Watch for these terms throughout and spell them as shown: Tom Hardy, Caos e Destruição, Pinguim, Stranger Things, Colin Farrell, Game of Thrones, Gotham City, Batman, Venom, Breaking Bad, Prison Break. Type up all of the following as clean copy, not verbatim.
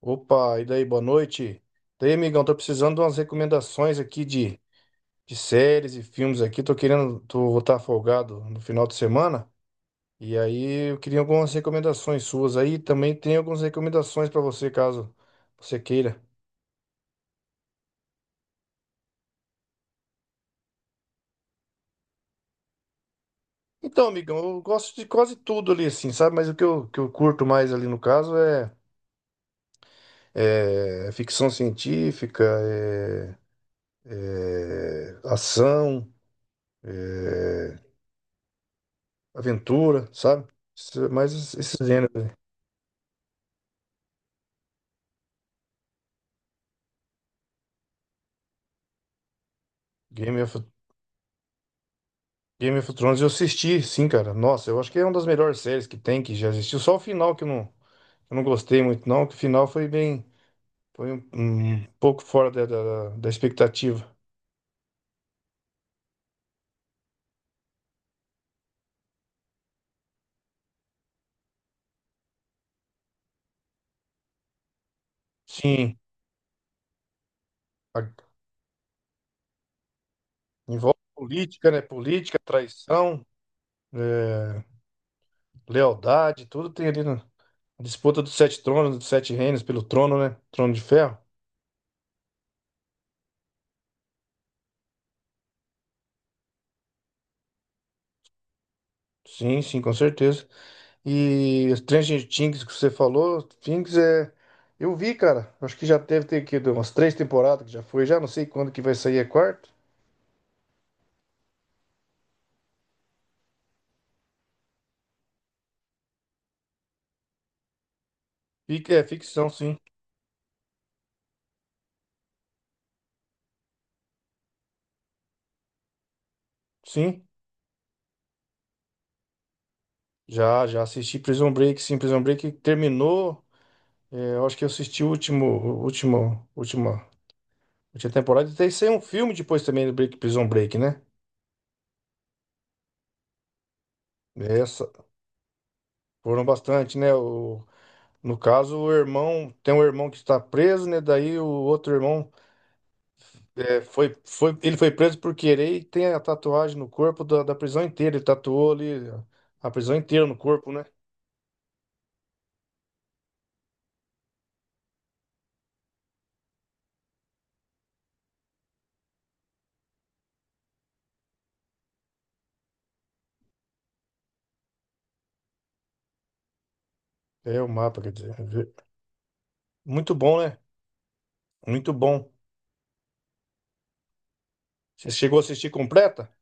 Opa, e daí, boa noite. Daí, amigão, tô precisando de umas recomendações aqui de séries e filmes aqui. Vou estar folgado no final de semana. E aí, eu queria algumas recomendações suas aí. Também tem algumas recomendações pra você, caso você queira. Então, amigão, eu gosto de quase tudo ali, assim, sabe? Mas que eu curto mais ali no caso é ficção científica, é, é ação. é, Aventura, sabe? Mas esses gêneros, Game of, Game of Thrones, eu assisti, sim, cara. Nossa, eu acho que é uma das melhores séries que tem, que já existiu. Só o final que eu não gostei muito, não, que o final foi bem, foi um pouco fora da expectativa. Sim, a- envolve política, né? Política, traição, é, lealdade, tudo tem ali na disputa dos sete tronos, dos sete reinos pelo trono, né? Trono de ferro. Sim, sim, com certeza. E Stranger Things que você falou, Things é. Eu vi, cara. Acho que já deve ter aqui umas três temporadas que já foi, já não sei quando que vai sair a quarta. É ficção, sim. Sim. Já assisti Prison Break, sim. Prison Break terminou. É, eu acho que eu assisti última temporada. E tem saiu um filme depois também do Break, Prison Break, né? Essa, Foram bastante, né? No caso, o irmão. Tem um irmão que está preso, né? Daí o outro irmão. É, ele foi preso por querer e tem a tatuagem no corpo da prisão inteira. Ele tatuou ali a prisão inteira no corpo, né? É o mapa, quer dizer. Muito bom, né? Muito bom. Você chegou a assistir completa?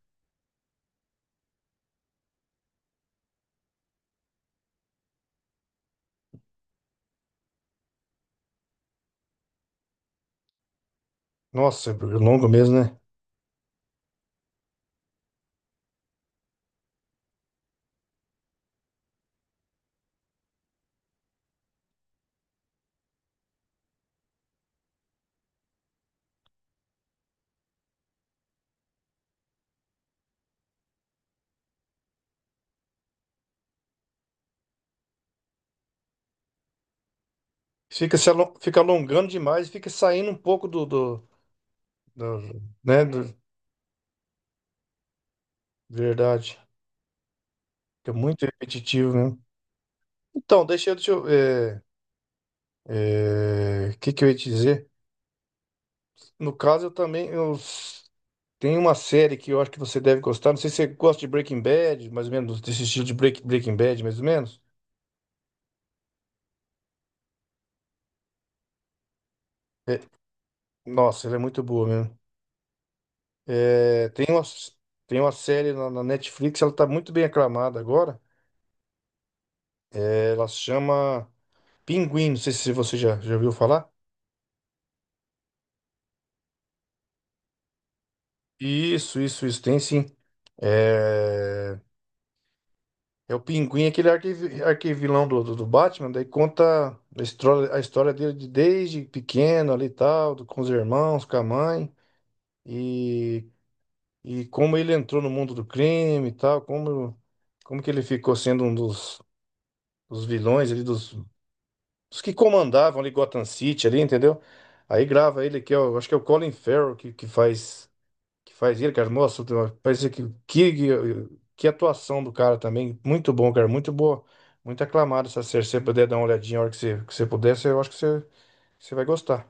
Nossa, é longo mesmo, né? Fica, se alo- Fica alongando demais, fica saindo um pouco do- né? Verdade. Fica muito repetitivo mesmo. Então, Deixa eu é, é, o que, que eu ia te dizer? No caso, eu também. Eu, tem uma série que eu acho que você deve gostar. Não sei se você gosta de Breaking Bad, mais ou menos, desse estilo de Breaking Bad, mais ou menos. É, nossa, ela é muito boa mesmo. É, tem uma série na Netflix, ela tá muito bem aclamada agora. É, ela se chama Pinguim, não sei se já ouviu falar. Isso, tem sim. É, é o Pinguim, aquele arquivilão do Batman, daí conta a história dele de desde pequeno ali e tal, com os irmãos, com a mãe. E, e como ele entrou no mundo do crime e tal, como, como que ele ficou sendo um dos vilões ali, dos que comandavam ali Gotham City ali, entendeu? Aí grava ele, que é o, acho que é o Colin Farrell que faz ele, cara, nossa, parece que, que que atuação do cara também, muito bom, cara, muito boa, muito aclamado essa série, se você puder dar uma olhadinha a hora que que você puder, eu acho que você vai gostar.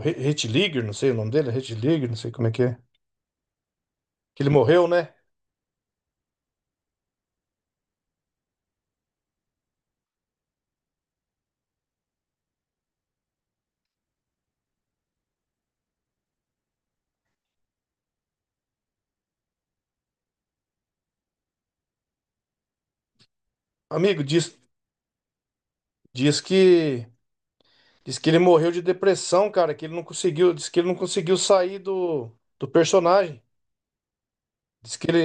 Hitler, não sei o nome dele, Hitler, não sei como é. Que ele morreu, né? Amigo, diz que diz que ele morreu de depressão, cara, que ele não conseguiu, diz que ele não conseguiu sair do personagem. Diz que ele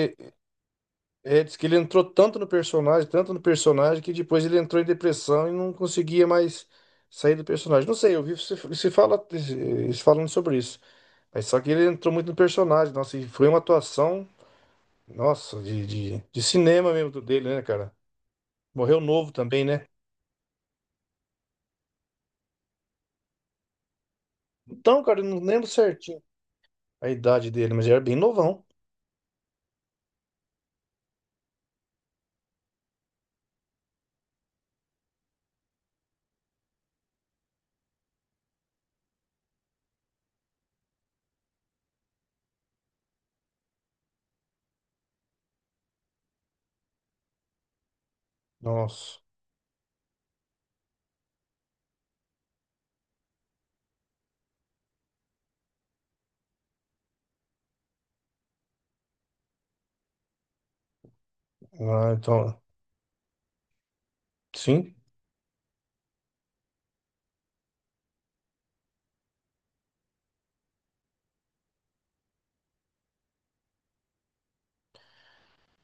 é, diz que ele entrou tanto no personagem que depois ele entrou em depressão e não conseguia mais sair do personagem. Não sei, eu vi se fala se falando sobre isso. Mas só que ele entrou muito no personagem, nossa, e foi uma atuação, nossa, de cinema mesmo do dele, né, cara? Morreu novo também, né? Então, cara, eu não lembro certinho a idade dele, mas ele era bem novão. Nossa. Ah, então, sim.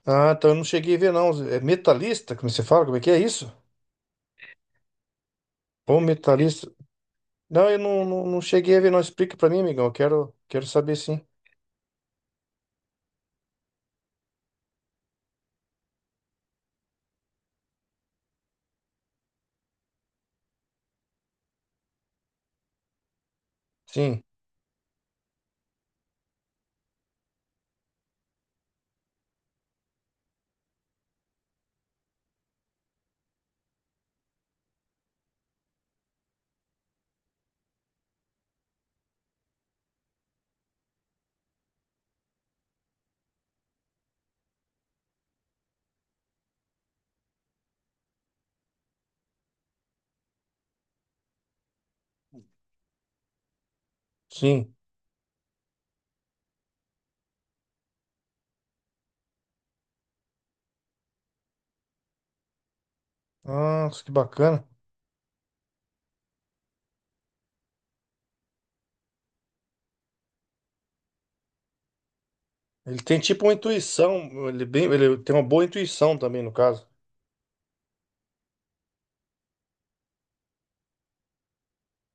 Ah, então eu não cheguei a ver, não. É metalista, como você fala? Como é que é isso? Ou metalista? Não, não cheguei a ver, não. Explica pra mim, amigão. Eu quero, quero saber, sim. Sim, sim. Nossa, que bacana. Ele tem tipo uma intuição. Ele, é bem, ele tem uma boa intuição também, no caso.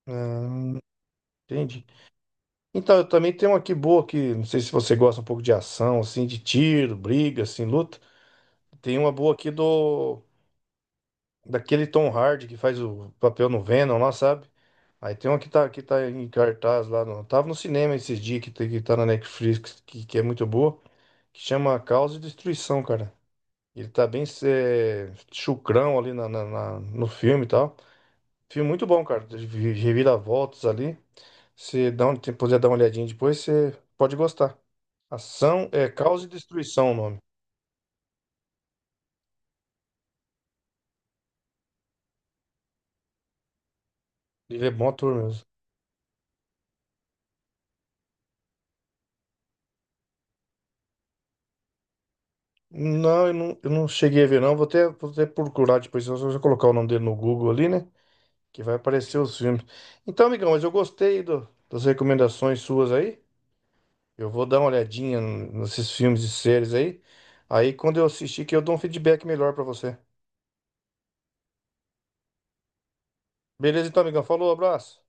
Ah, entendi. Então, eu também tenho uma aqui boa que não sei se você gosta um pouco de ação, assim, de tiro, briga, assim, luta. Tem uma boa aqui do... Daquele Tom Hardy que faz o papel no Venom lá, sabe? Aí tem uma que tá em cartaz lá no. Tava no cinema esses dias que tá na Netflix, que é muito boa, que chama Caos e Destruição, cara. Ele tá bem é, chucrão ali no filme e tal. Filme muito bom, cara. Reviravoltas ali. Se dá um, Se puder dar uma olhadinha depois, você pode gostar. Ação é Caos e Destruição o nome. Ele é bom ator mesmo. Não, eu não cheguei a ver, não. Vou até procurar depois. Eu vou colocar o nome dele no Google ali, né? Que vai aparecer os filmes. Então, amigão, mas eu gostei das recomendações suas aí. Eu vou dar uma olhadinha nesses filmes e séries aí. Aí, quando eu assistir, que eu dou um feedback melhor pra você. Beleza, então, amigão. Falou, abraço.